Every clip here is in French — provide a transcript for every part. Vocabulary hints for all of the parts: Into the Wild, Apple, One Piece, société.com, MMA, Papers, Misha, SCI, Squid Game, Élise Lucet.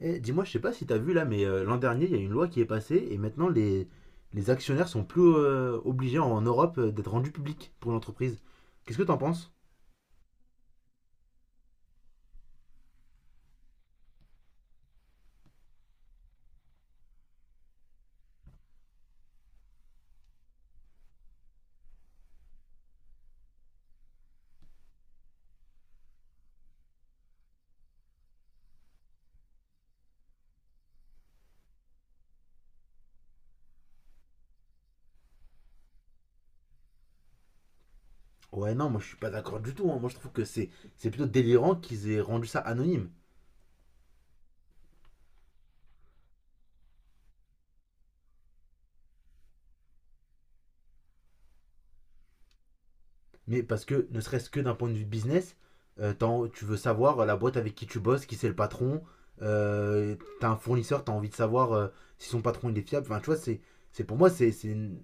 Eh, dis-moi, je sais pas si t'as vu là, mais l'an dernier, il y a une loi qui est passée et maintenant les actionnaires sont plus obligés en Europe d'être rendus publics pour l'entreprise. Qu'est-ce que t'en penses? Ouais, non, moi je suis pas d'accord du tout, hein. Moi je trouve que c'est plutôt délirant qu'ils aient rendu ça anonyme. Mais parce que, ne serait-ce que d'un point de vue business, tu veux savoir la boîte avec qui tu bosses, qui c'est le patron. euh, T'as un fournisseur, t'as envie de savoir si son patron il est fiable. Enfin, tu vois, c'est- pour moi, c'est. C'est une-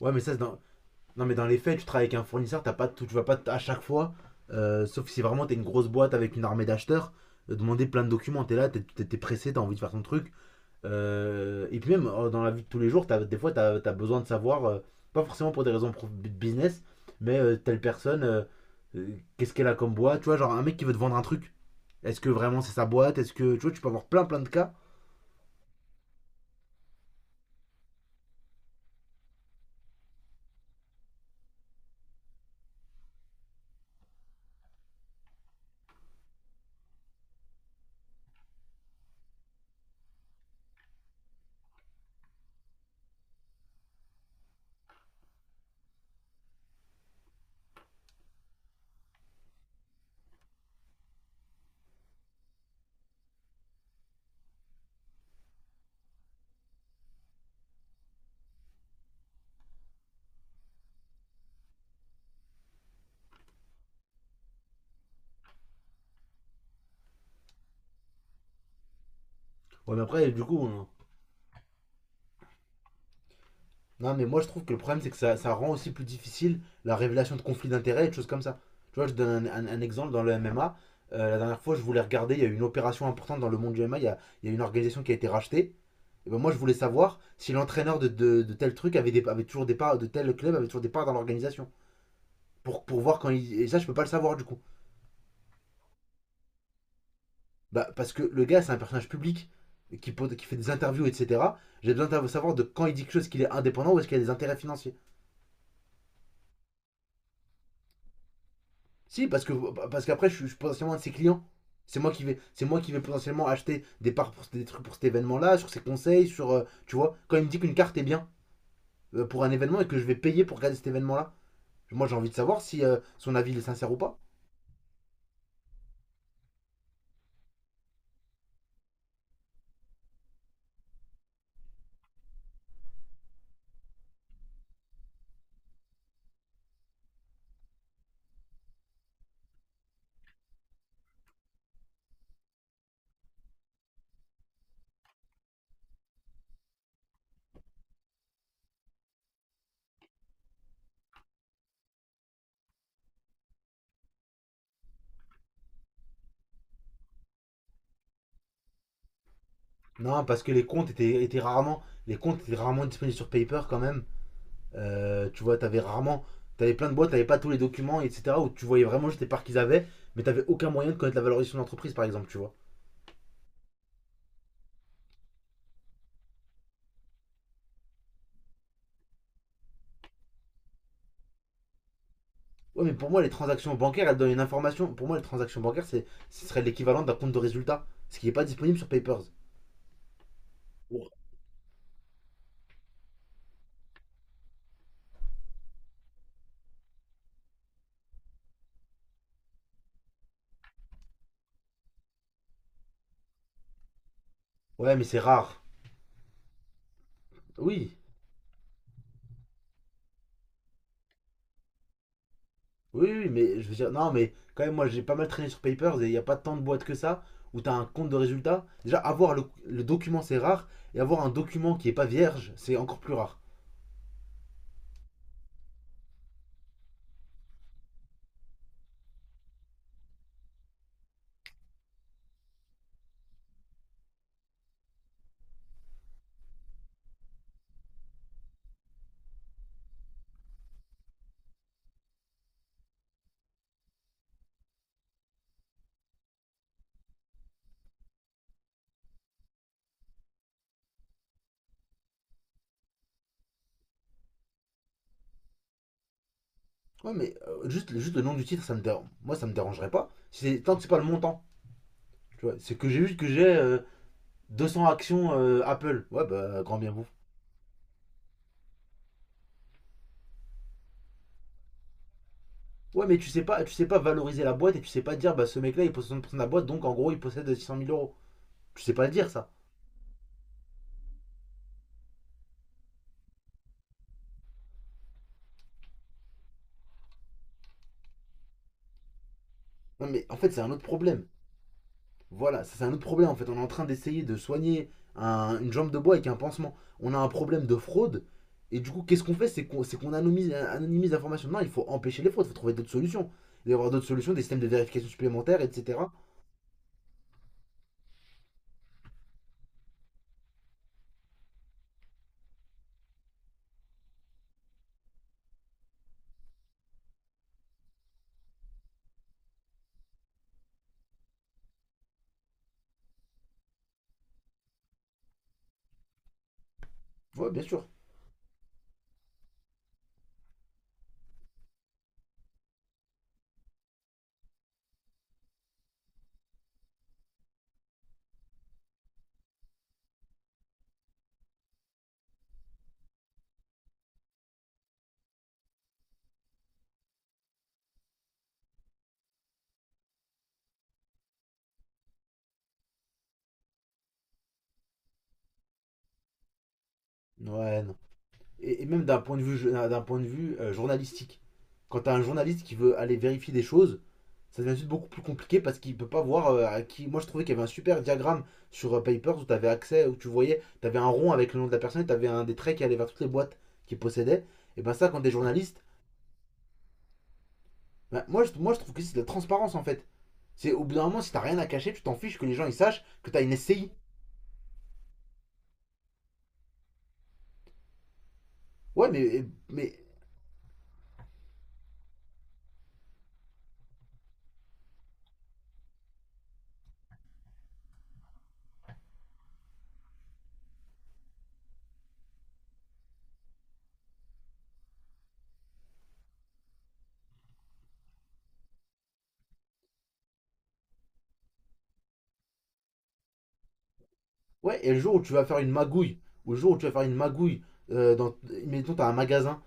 Ouais, non, mais dans les faits, tu travailles avec un fournisseur, t'as pas, tu vas pas à chaque fois, sauf si vraiment t'es une grosse boîte avec une armée d'acheteurs, demander plein de documents. T'es là, pressé, t'as envie de faire ton truc. Et puis même dans la vie de tous les jours, des fois, t'as as besoin de savoir, pas forcément pour des raisons business, mais telle personne, euh, qu'est-ce qu'elle a comme boîte, tu vois, genre un mec qui veut te vendre un truc. Est-ce que vraiment c'est sa boîte? Est-ce que, tu vois, tu peux avoir plein de cas. Ouais, mais après, non, mais moi je trouve que le problème c'est que ça rend aussi plus difficile la révélation de conflits d'intérêts et de choses comme ça. Tu vois, je donne un exemple dans le MMA. La dernière fois, je voulais regarder, il y a eu une opération importante dans le monde du MMA, il y a une organisation qui a été rachetée. Et ben moi je voulais savoir si l'entraîneur de tel truc avait, avait toujours des parts, de tel club avait toujours des parts dans l'organisation. Pour voir quand il. Et ça, je peux pas le savoir du coup. Bah, parce que le gars, c'est un personnage public qui, qui fait des interviews, etc. J'ai besoin de savoir de quand il dit quelque chose qu'il est indépendant ou est-ce qu'il y a des intérêts financiers. Si, parce qu'après, je suis potentiellement un de ses clients. C'est moi qui vais potentiellement acheter des parts pour des trucs pour cet événement-là, sur ses conseils, sur, tu vois, quand il me dit qu'une carte est bien pour un événement et que je vais payer pour regarder cet événement-là, moi j'ai envie de savoir si son avis il est sincère ou pas. Non, parce que les comptes étaient rarement disponibles sur Paper quand même. Tu vois, t'avais rarement, t'avais plein de boîtes, t'avais pas tous les documents, etc. Où tu voyais vraiment juste les parts qu'ils avaient, mais t'avais aucun moyen de connaître la valorisation de l'entreprise, par exemple, tu vois. Ouais, mais pour moi, les transactions bancaires, elles donnent une information. Pour moi, les transactions bancaires, ce serait l'équivalent d'un compte de résultat. Ce qui n'est pas disponible sur Papers. Ouais, mais c'est rare. Oui, oui, oui, mais je veux dire, non, mais quand même, moi, j'ai pas mal traîné sur Papers et il n'y a pas tant de boîtes que ça où tu as un compte de résultat. Déjà, avoir le document, c'est rare. Et avoir un document qui n'est pas vierge, c'est encore plus rare. Ouais, mais juste le nom du titre, ça me dérange. Moi, ça me dérangerait pas. Si c'est, tant que c'est pas le montant. Tu vois, c'est que j'ai vu que j'ai 200 actions Apple. Ouais, bah, grand bien vous. Ouais, mais tu sais pas valoriser la boîte et tu sais pas dire, bah ce mec-là il possède 60% de la boîte, donc en gros il possède six cent mille euros. Tu sais pas le dire ça. Non, mais en fait, c'est un autre problème. Voilà, c'est un autre problème en fait. On est en train d'essayer de soigner une jambe de bois avec un pansement. On a un problème de fraude. Et du coup, qu'est-ce qu'on fait? C'est anonymise l'information. Non, il faut empêcher les fraudes, il faut trouver d'autres solutions. Il va y avoir d'autres solutions, des systèmes de vérification supplémentaires, etc. Ouais, bien sûr. Ouais, non. Et même d'un point de vue, d'un point de vue journalistique. Quand t'as un journaliste qui veut aller vérifier des choses, ça devient juste beaucoup plus compliqué parce qu'il ne peut pas voir à qui. Moi, je trouvais qu'il y avait un super diagramme sur Papers où tu avais accès, où tu voyais, tu avais un rond avec le nom de la personne et tu avais un des traits qui allait vers toutes les boîtes qu'il possédait. Et ben, ça, quand t'es journaliste, ben, moi, je trouve que c'est de la transparence en fait. C'est au bout d'un moment, si t'as rien à cacher, tu t'en fiches que les gens ils sachent que t'as une SCI. Ouais, mais ouais, et le jour où tu vas faire une magouille, ou le jour où tu vas faire une magouille, euh, dans, mettons, t'as un magasin,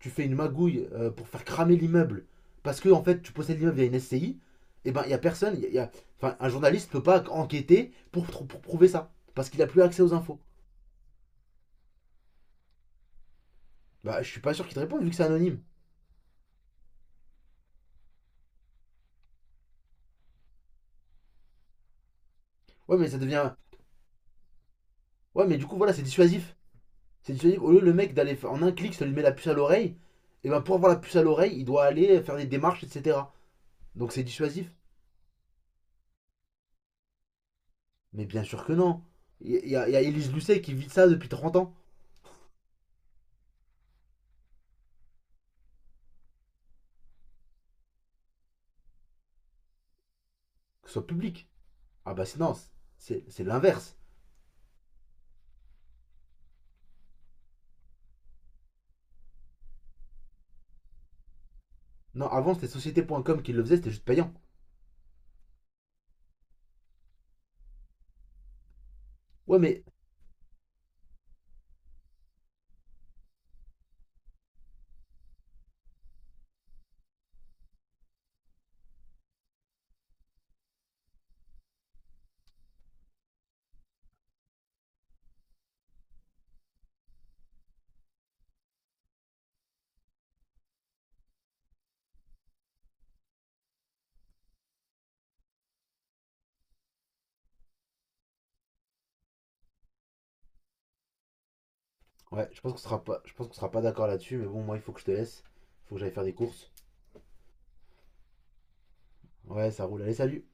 tu fais une magouille pour faire cramer l'immeuble parce que en fait tu possèdes l'immeuble via une SCI, et ben il y a personne, enfin un journaliste ne peut pas enquêter pour prouver ça parce qu'il a plus accès aux infos. Bah je suis pas sûr qu'il te réponde vu que c'est anonyme. Ouais mais ça devient, ouais mais du coup voilà c'est dissuasif, c'est dissuasif. Au lieu le mec d'aller en un clic ça lui met la puce à l'oreille, et ben pour avoir la puce à l'oreille il doit aller faire des démarches etc. Donc c'est dissuasif. Mais bien sûr que non. Il y a Élise Lucet qui vit ça depuis 30 ans, que ce soit public. Non, c'est l'inverse. Non, avant c'était société.com qui le faisait, c'était juste payant. Ouais, mais ouais, je pense qu'on sera pas d'accord là-dessus, mais bon, moi il faut que je te laisse, faut que j'aille faire des courses. Ouais, ça roule. Allez, salut.